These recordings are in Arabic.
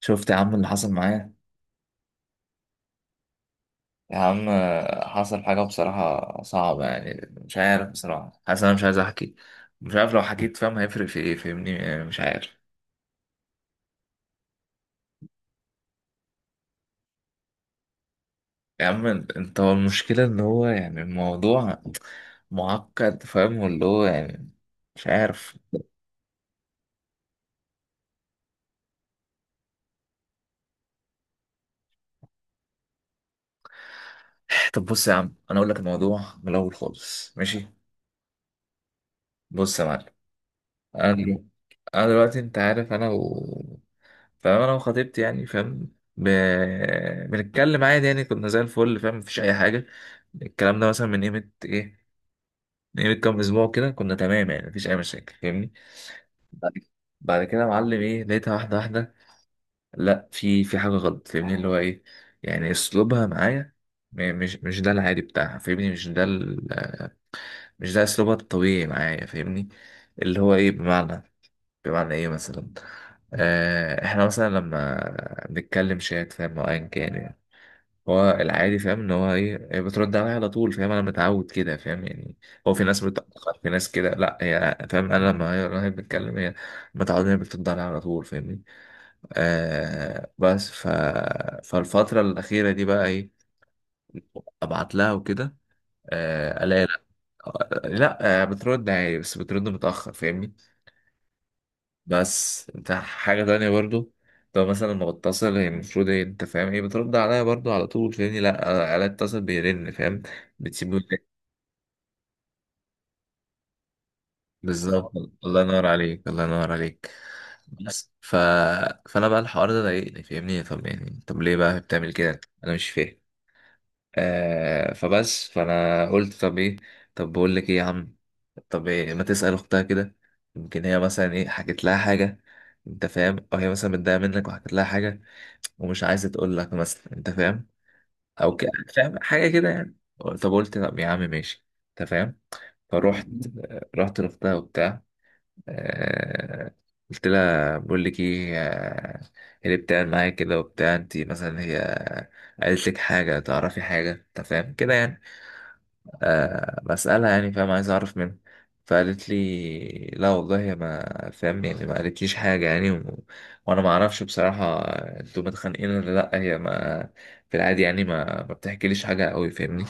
شفت يا عم اللي حصل معايا. يا عم، حصل حاجة بصراحة صعبة يعني. مش عارف بصراحة، حاسس أنا مش عايز أحكي. مش عارف لو حكيت فاهم هيفرق في إيه، فاهمني؟ يعني مش عارف. يا عم أنت، هو المشكلة إن هو يعني الموضوع معقد، فاهم؟ واللي هو يعني مش عارف. طب بص يا عم، أنا أقول لك الموضوع من الأول خالص، ماشي؟ بص يا معلم، انا دلوقتي انا دلوقتي انت عارف، انا و... فاهم انا وخطيبتي يعني، فاهم؟ بنتكلم عادي يعني، كنا زي الفل فاهم، مفيش اي حاجه. الكلام ده مثلا من قيمه كام اسبوع كده، كنا تمام يعني مفيش اي مشاكل فاهمني. بعد بعد كده يا معلم ايه، لقيتها واحده واحده، لا في حاجه غلط فاهمني، اللي هو ايه، يعني اسلوبها معايا، مش ده العادي بتاعها فاهمني، مش ده اسلوبها الطبيعي معايا فاهمني. اللي هو ايه، بمعنى ايه مثلا. احنا مثلا لما بنتكلم شات فاهم، او ايا كان يعني، هو العادي فاهم ان هو ايه، هي بترد عليا على طول فاهم، انا متعود كده فاهم يعني. هو في ناس بتأخر، في ناس كده، لا هي فاهم، انا لما هي بتتكلم، هي متعود ان هي بترد عليا على طول فاهمني. بس فالفترة الأخيرة دي بقى ايه، ابعت لها وكده، الاقي لا. لا، بترد عادي بس بترد متأخر فاهمني. بس انت حاجة تانية برضو، لو مثلا ما بتصل هي المفروض ايه انت فاهم، ايه بترد عليا برضو على طول فاهمني، لا انا اتصل بيرن فاهم، بتسيبه يرن. بالظبط. الله ينور عليك، الله ينور عليك. بس فانا بقى الحوار ده ضايقني فاهمني، طب يعني طب ليه بقى بتعمل كده، انا مش فاهم. فبس فانا قلت طب ايه، طب بقول لك ايه يا عم، طب إيه ما تسأل اختها كده، يمكن هي مثلا ايه حكت لها حاجة، انت فاهم، او هي مثلا متضايقة منك وحكت لها حاجة ومش عايزة تقول لك مثلا، انت فاهم، او ك... فاهم حاجة كده يعني. طب قلت طب يا عم ماشي انت فاهم، فروحت رحت لاختها وبتاع، آه، قلت لها بقول لك ايه، إيه اللي بتعمل معايا كده وبتاع، انت مثلا هي قالت لك حاجة، تعرفي حاجة انت فاهم كده يعني. بسألها يعني فاهم، عايز أعرف منها. فقالت لي لا والله يا ما فاهم، يعني ما قالتليش حاجة يعني وأنا ما أعرفش بصراحة أنتوا متخانقين ولا لأ، هي ما في العادي يعني ما بتحكيليش حاجة أوي فاهمني.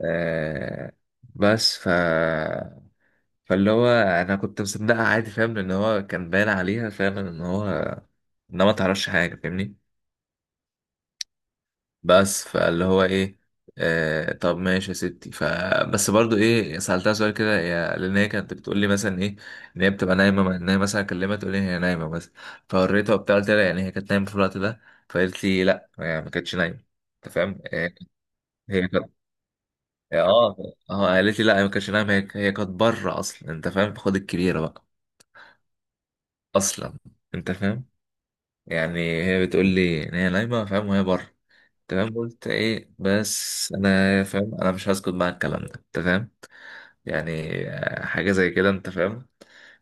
آه بس فاللي هو أنا كنت مصدقها عادي فاهم، لأن هو كان باين عليها فعلا إن هو إنها ما تعرفش حاجة فاهمني. بس فاللي هو ايه، طب ماشي يا ستي. بس برضو ايه سألتها سؤال كده، هي لان هي كانت بتقول لي مثلا ايه، ان هي بتبقى نايمه، ان هي مثلا اكلمها تقول لي هي نايمه بس. فوريتها وبتاع، قلت لها يعني هي كانت نايمه في الوقت ده، فقالت لي لا يعني ما كانتش نايمه. انت فاهم؟ هي كانت، اه، اه. قالت لي لا هي ما كانتش نايمه، هي كانت بره اصلا انت فاهم، خد الكبيره بقى، اصلا. انت فاهم؟ يعني هي بتقول لي ان هي نايمه فاهم، وهي بره. تمام، قلت ايه، بس انا فاهم انا مش هسكت مع الكلام ده انت فاهم، يعني حاجه زي كده انت فاهم،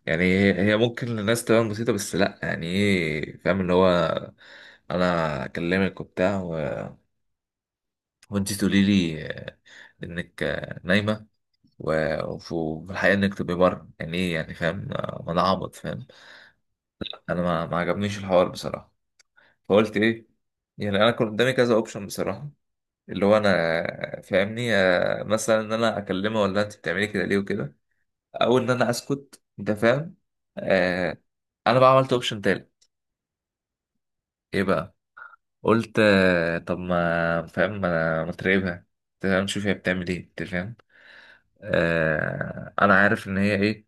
يعني هي ممكن للناس تبان بسيطه، بس لا يعني ايه فاهم، اللي هو انا اكلمك وبتاع وانت تقولي لي انك نايمه، و- وف- وفي الحقيقه انك تبقي بره، يعني ايه يعني فاهم، ما انا عبط فاهم. انا ما عجبنيش الحوار بصراحه. فقلت ايه، يعني انا كان قدامي كذا اوبشن بصراحه، اللي هو انا فاهمني، مثلا ان انا اكلمها ولا انت بتعملي كده ليه وكده، او ان انا اسكت انت فاهم، آه انا بقى عملت اوبشن تالت. ايه بقى، قلت طب ما فاهم، ما تراقبها، أنت فاهم، نشوف هي بتعمل ايه انت فاهم. انا عارف ان هي ايه،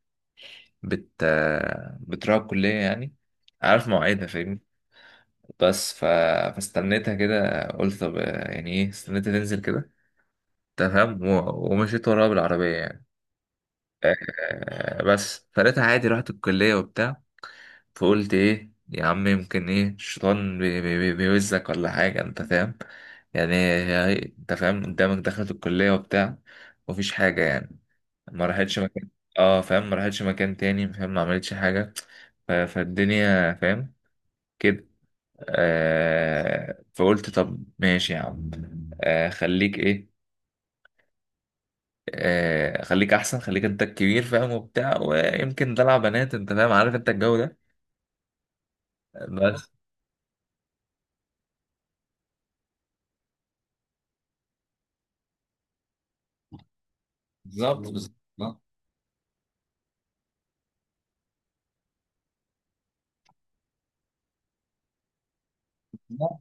بت آه، بتروح الكليه يعني، عارف مواعيدها فاهمني. بس فاستنيتها كده قلت طب يعني ايه، استنيتها تنزل كده تمام، و- ومشيت وراها بالعربية يعني. بس فلقيتها عادي، رحت الكلية وبتاع. فقلت ايه يا عم يمكن ايه الشيطان بيوزك ولا حاجة انت فاهم، يعني انت فاهم قدامك دخلت الكلية وبتاع، مفيش حاجة يعني، ما راحتش مكان. اه فاهم، ما راحتش مكان تاني فاهم، ما عملتش حاجة. فالدنيا فاهم كده. فقلت طب ماشي يا عم، خليك ايه، خليك احسن، خليك انت الكبير فاهم وبتاع، ويمكن دلع بنات انت فاهم عارف انت الجو ده، بس. بالظبط بالظبط، آه. آه،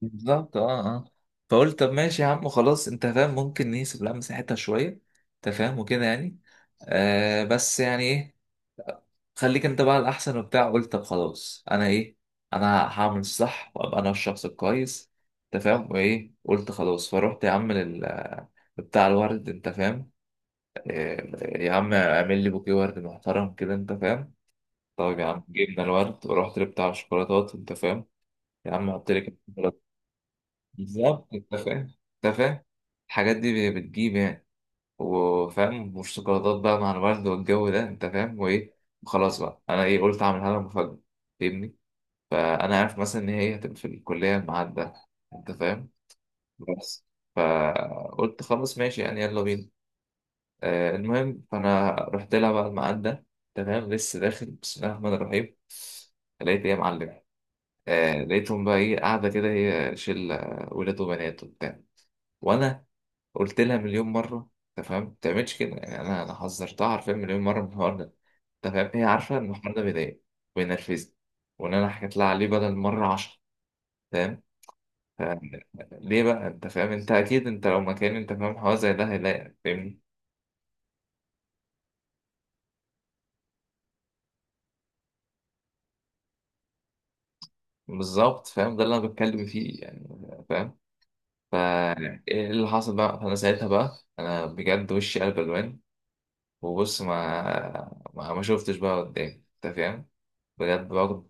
بالظبط، اه، اه. فقلت طب ماشي يا عم خلاص، انت فاهم ممكن نسيب لها مساحتها شويه انت فاهم، وكده يعني. بس يعني ايه، خليك انت بقى الاحسن وبتاع. قلت طب خلاص، انا ايه، انا هعمل الصح وابقى انا الشخص الكويس انت فاهم وايه. قلت خلاص، فروحت يا عم بتاع الورد انت فاهم، يا عم اعمل لي بوكيه ورد محترم كده انت فاهم. طيب يا عم جبنا الورد، ورحت لبتاع الشوكولاتات انت فاهم، يا عم حط لي كده شوكولاتة. بالظبط انت فاهم، انت فاهم الحاجات دي بتجيب يعني، وفاهم مش شوكولاتات بقى مع الورد والجو ده انت فاهم وايه. وخلاص بقى، انا ايه، قلت اعملها لها مفاجأة فاهمني. فانا عارف مثلا ان هي هتبقى في الكلية الميعاد ده انت فاهم، بس. فقلت خلاص ماشي يعني، يلا بينا. المهم فانا رحت لها بعد ما عدى تمام، لسه داخل بسم الله الرحمن الرحيم، لقيت ايه يا معلم؟ لقيتهم بقى ايه، قاعده كده، هي شله ولاد وبنات وبتاع، وانا قلت لها مليون مره تمام ما تعملش كده يعني، انا حذرتها عارفين مليون مره من الحوار ده تمام، هي عارفه ان الحوار ده بيضايق وينرفزني، وان انا حكيت لها عليه بدل مره 10 تمام. ف- ليه بقى، انت فاهم انت اكيد انت لو مكاني انت فاهم حوار زي ده هيضايقك فاهمني. بالظبط فاهم، ده اللي انا بتكلم فيه يعني فاهم. فا ايه اللي حصل بقى، فانا ساعتها بقى انا بجد وشي قلب الوان، وبص ما شفتش بقى قدامي انت فاهم، بجد برضه.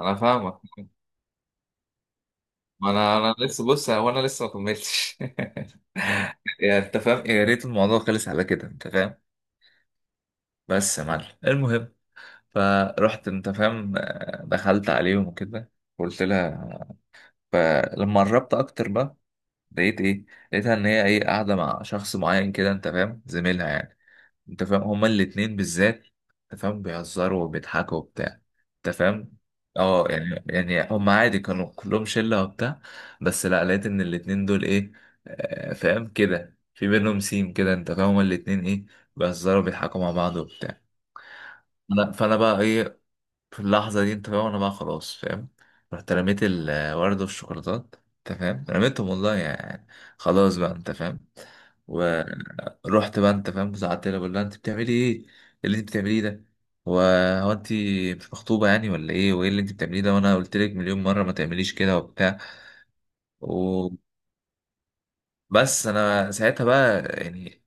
انا فاهمك، ما انا لسه، بص هو انا لسه ما كملتش يعني انت فاهم، يا ريت الموضوع خلص على كده انت فاهم. بس يا معلم المهم، فرحت انت فاهم، دخلت عليهم وكده، قلت لها، فلما قربت اكتر بقى لقيت ايه، لقيتها ان هي ايه، قاعده مع شخص معين كده انت فاهم، زميلها يعني، انت فاهم هما الاتنين بالذات، انت فاهم بيهزروا وبيضحكوا وبتاع، انت فاهم. اه يعني هما عادي كانوا كلهم شله وبتاع، بس لا لقيت ان الاتنين دول ايه، فاهم كده في بينهم سيم كده انت فاهم، هما الاتنين ايه بيهزروا وبيضحكوا مع بعض وبتاع. انا فانا بقى ايه، في اللحظة دي انت فاهم انا بقى خلاص فاهم، رحت رميت الورد والشوكولاتات انت فاهم، رميتهم والله يعني، خلاص بقى انت فاهم. ورحت بقى انت فاهم زعلت لها، بقول لها انت بتعملي ايه، إيه اللي انت بتعمليه ده، هو هو انت مش مخطوبة يعني ولا ايه، وايه اللي انت بتعمليه ده، وانا قلت لك مليون مرة ما تعمليش كده وبتاع، وبس. انا ساعتها بقى يعني،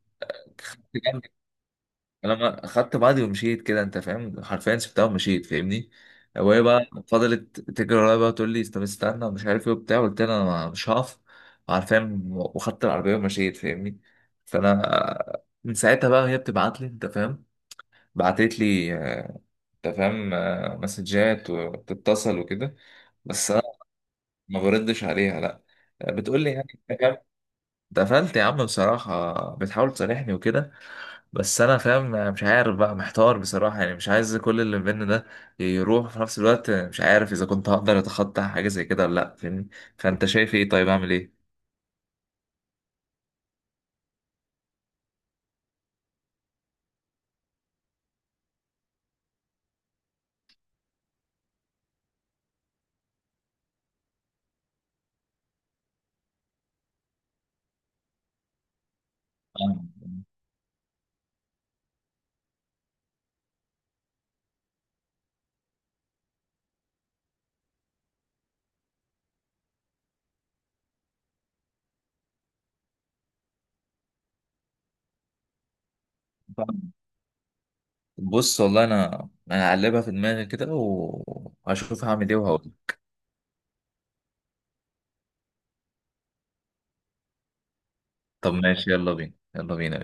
انا ما خدت بعضي ومشيت كده انت فاهم، حرفيا سبتها ومشيت فاهمني. وهي بقى فضلت تجري ورايا بقى تقول لي طب استنى ومش عارف ايه وبتاع، قلت لها انا مش هقف عارفين، وخدت العربيه ومشيت فاهمني. فانا من ساعتها بقى هي بتبعت لي انت فاهم، بعتت لي انت فاهم مسجات وبتتصل وكده. بس انا ما بردش عليها، لا. بتقول لي يعني انت فاهم؟ اتقفلت يا عم بصراحه، بتحاول تصالحني وكده، بس انا فاهم أنا مش عارف بقى، محتار بصراحه يعني، مش عايز كل اللي بينا ده يروح في نفس الوقت، مش عارف اذا كنت هقدر اتخطى حاجه زي كده ولا لا فاهمني. فانت شايف ايه؟ طيب اعمل ايه؟ فاهم. فاهم. بص والله انا هقلبها في دماغي كده وهشوف هعمل ايه وهقول. طب ماشي، يلا بينا، يلا بينا.